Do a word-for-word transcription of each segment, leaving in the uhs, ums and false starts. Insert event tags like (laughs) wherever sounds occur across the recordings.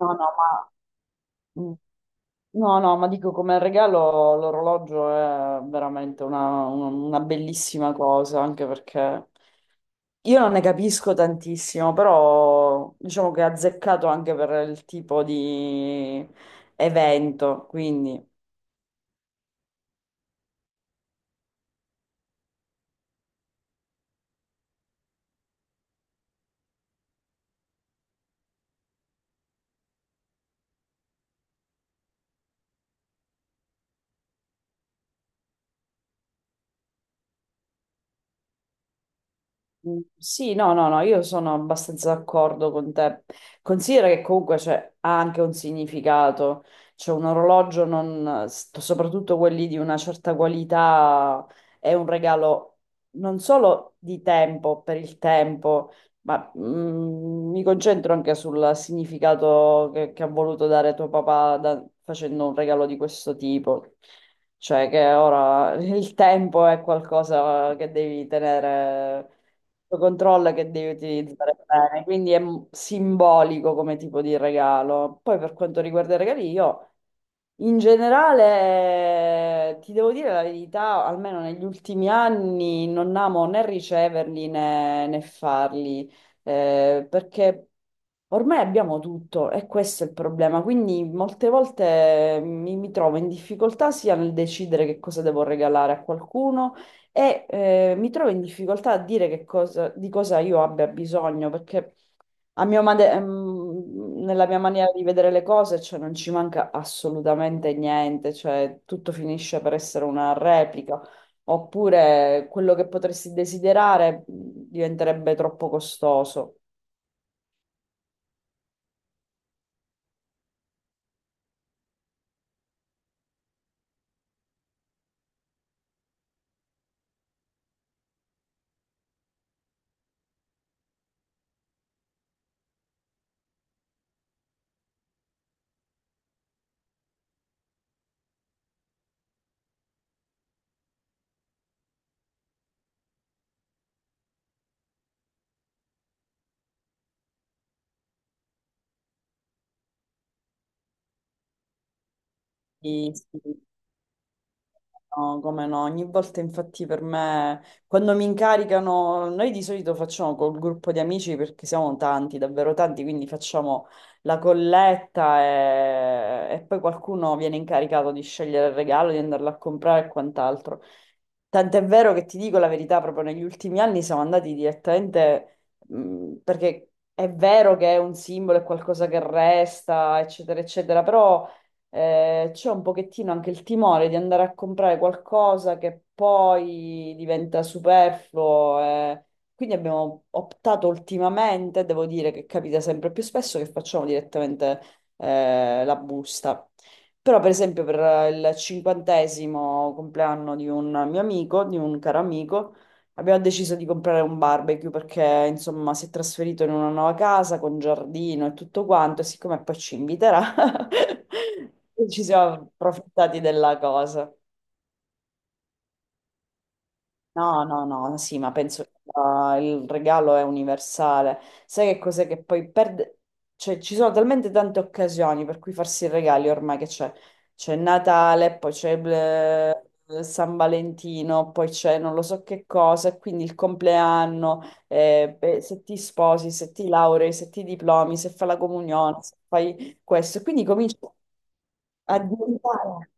No, no, ma, mm, no, no, ma dico come regalo l'orologio è veramente una, una bellissima cosa, anche perché io non ne capisco tantissimo, però diciamo che è azzeccato anche per il tipo di evento, quindi... Mm, sì, no, no, no, io sono abbastanza d'accordo con te. Considera che comunque c'è, ha anche un significato. C'è un orologio, non- s- soprattutto quelli di una certa qualità, è un regalo non solo di tempo, per il tempo, ma mm, mi concentro anche sul significato che, che ha voluto dare tuo papà da- facendo un regalo di questo tipo. Cioè che ora il tempo è qualcosa che devi tenere sotto controllo e che devi utilizzare bene, quindi è m- simbolico come tipo di regalo. Poi per quanto riguarda i regali, io in generale ti devo dire la verità, almeno negli ultimi anni non amo né riceverli né, né farli eh, perché ormai abbiamo tutto e questo è il problema. Quindi molte volte mm, mi, mi trovo in difficoltà sia nel decidere che cosa devo regalare a qualcuno e eh, mi trovo in difficoltà a dire che cosa, di cosa io abbia bisogno, perché a mio made- ehm, nella mia maniera di vedere le cose, cioè, non ci manca assolutamente niente, cioè, tutto finisce per essere una replica. Oppure quello che potresti desiderare mh, diventerebbe troppo costoso. Sì, sì, no, come no, ogni volta infatti per me, quando mi incaricano, noi di solito facciamo col gruppo di amici perché siamo tanti, davvero tanti, quindi facciamo la colletta e, e poi qualcuno viene incaricato di scegliere il regalo, di andarlo a comprare e quant'altro. Tant'è vero che ti dico la verità, proprio negli ultimi anni siamo andati direttamente, mh, perché è vero che è un simbolo, è qualcosa che resta, eccetera, eccetera, però eh, c'è un pochettino anche il timore di andare a comprare qualcosa che poi diventa superfluo. eh. Quindi abbiamo optato ultimamente, devo dire che capita sempre più spesso, che facciamo direttamente eh, la busta. Però, per esempio, per il cinquantesimo compleanno di un mio amico, di un caro amico, abbiamo deciso di comprare un barbecue perché, insomma, si è trasferito in una nuova casa con giardino e tutto quanto, e siccome poi ci inviterà, (laughs) ci siamo approfittati della cosa. No, no, no, sì, ma penso che la- il regalo è universale. Sai che cos'è che poi perde? Cioè, ci sono talmente tante occasioni per cui farsi i regali ormai che c'è. C'è Natale, poi c'è eh, San Valentino, poi c'è non lo so che cosa, e quindi il compleanno, eh, beh, se ti sposi, se ti laurei, se ti diplomi, se fai la comunione, se fai questo. E quindi cominci a diventare.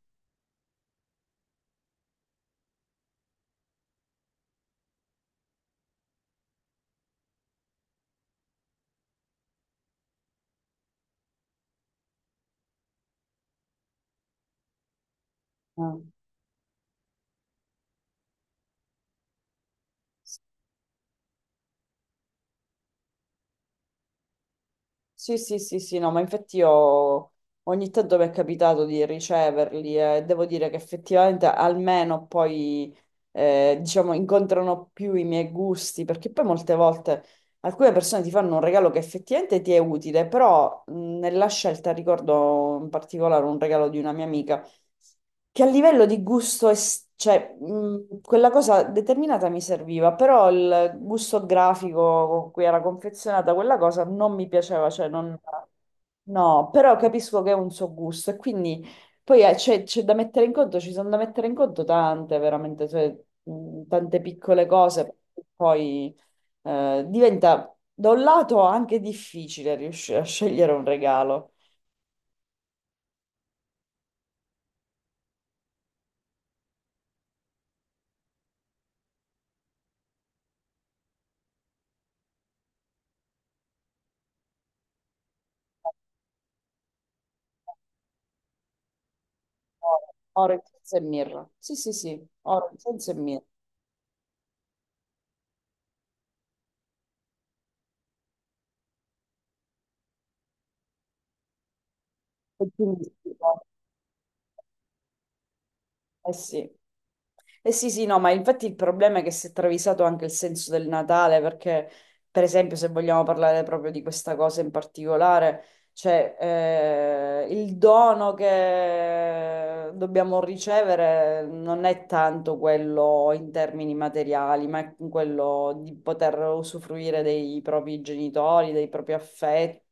No? Sì, sì, sì, sì, no, ma infatti io ogni tanto mi è capitato di riceverli e devo dire che effettivamente almeno poi, eh, diciamo, incontrano più i miei gusti, perché poi molte volte alcune persone ti fanno un regalo che effettivamente ti è utile, però mh, nella scelta ricordo in particolare un regalo di una mia amica che a livello di gusto, es- cioè, mh, quella cosa determinata mi serviva, però il gusto grafico con cui era confezionata quella cosa non mi piaceva, cioè non... No, però capisco che è un suo gusto e quindi poi eh, c'è c'è da mettere in conto, ci sono da mettere in conto tante, veramente, cioè, mh, tante piccole cose, poi eh, diventa da un lato anche difficile riuscire a scegliere un regalo. Oro, oro, incenso e mirra. Sì, sì, sì, oro, incenso e mirra. Ottimistico. Eh sì. Eh sì, sì, no, ma infatti il problema è che si è travisato anche il senso del Natale, perché per esempio se vogliamo parlare proprio di questa cosa in particolare, cioè eh, il dono che dobbiamo ricevere non è tanto quello in termini materiali, ma è quello di poter usufruire dei propri genitori, dei propri affetti,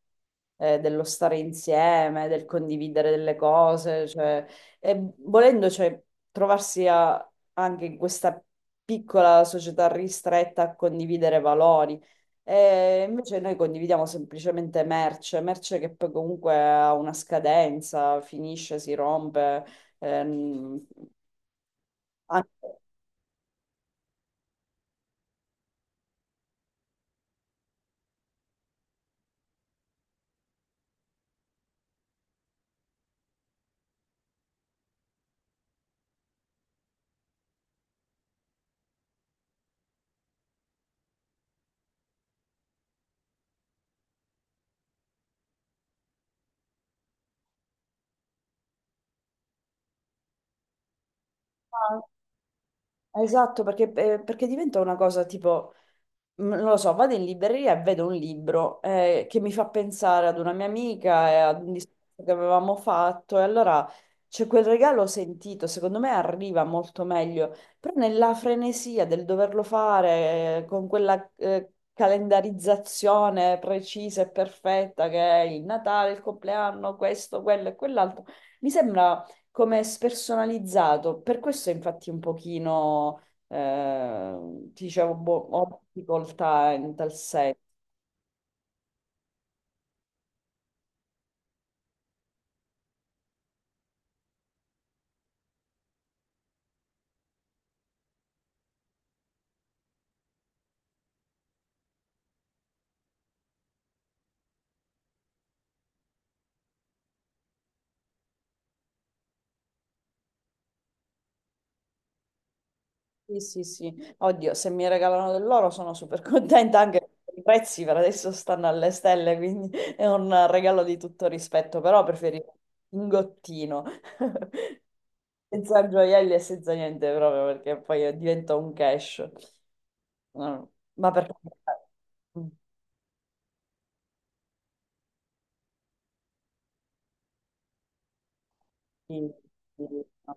eh, dello stare insieme, del condividere delle cose, cioè. E volendo, cioè, trovarsi a- anche in questa piccola società ristretta a condividere valori. E invece noi condividiamo semplicemente merce, merce che poi comunque ha una scadenza, finisce, si rompe. ehm, anche- Ah, esatto, perché, eh, perché diventa una cosa tipo. Mm, Non lo so, vado in libreria e vedo un libro eh, che mi fa pensare ad una mia amica e ad un discorso che avevamo fatto, e allora c'è quel regalo sentito, secondo me arriva molto meglio, però nella frenesia del doverlo fare eh, con quella eh, calendarizzazione precisa e perfetta che è il Natale, il compleanno, questo, quello e quell'altro, mi sembra come spersonalizzato, per questo infatti un pochino eh, ti dicevo, boh, ho difficoltà in tal senso. Sì, sì, sì. Oddio, se mi regalano dell'oro sono super (laughs) contenta anche perché i prezzi per adesso stanno alle stelle, quindi è un regalo di tutto rispetto, però preferisco un gottino, (laughs) senza gioielli e senza niente proprio, perché poi diventa un cash. No, ma perché. Sì, sì, sì, no.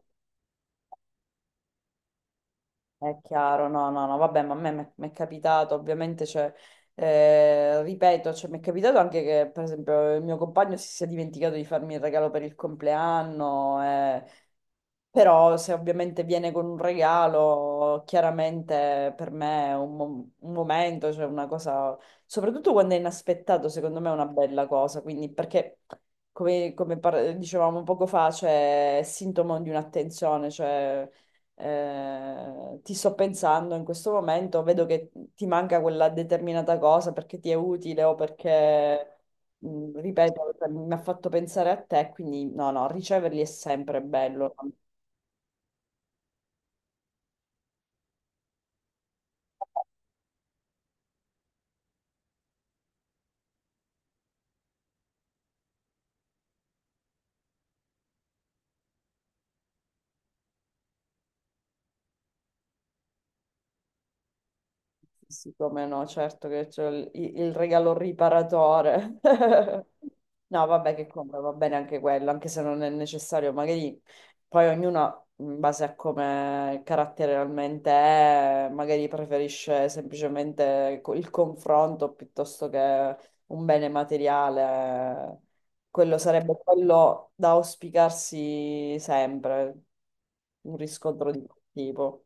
È chiaro, no, no, no, vabbè, ma a me mi è capitato, ovviamente, cioè, eh, ripeto, cioè, mi è capitato anche che, per esempio, il mio compagno si sia dimenticato di farmi il regalo per il compleanno, eh, però se ovviamente viene con un regalo, chiaramente per me è un, mo- un momento, cioè una cosa, soprattutto quando è inaspettato, secondo me è una bella cosa, quindi perché, come, come par- dicevamo poco fa, cioè, è sintomo di un'attenzione, cioè eh, ti sto pensando in questo momento, vedo che ti manca quella determinata cosa perché ti è utile o perché, mh, ripeto, mi ha fatto pensare a te, quindi no, no, riceverli è sempre bello. Sì, sì, come no, certo che c'è il, il regalo riparatore. (laughs) No, vabbè, che compra, va bene anche quello, anche se non è necessario, magari poi ognuno, in base a come il carattere realmente è, magari preferisce semplicemente co- il confronto piuttosto che un bene materiale. Quello sarebbe quello da auspicarsi sempre, un riscontro di quel tipo.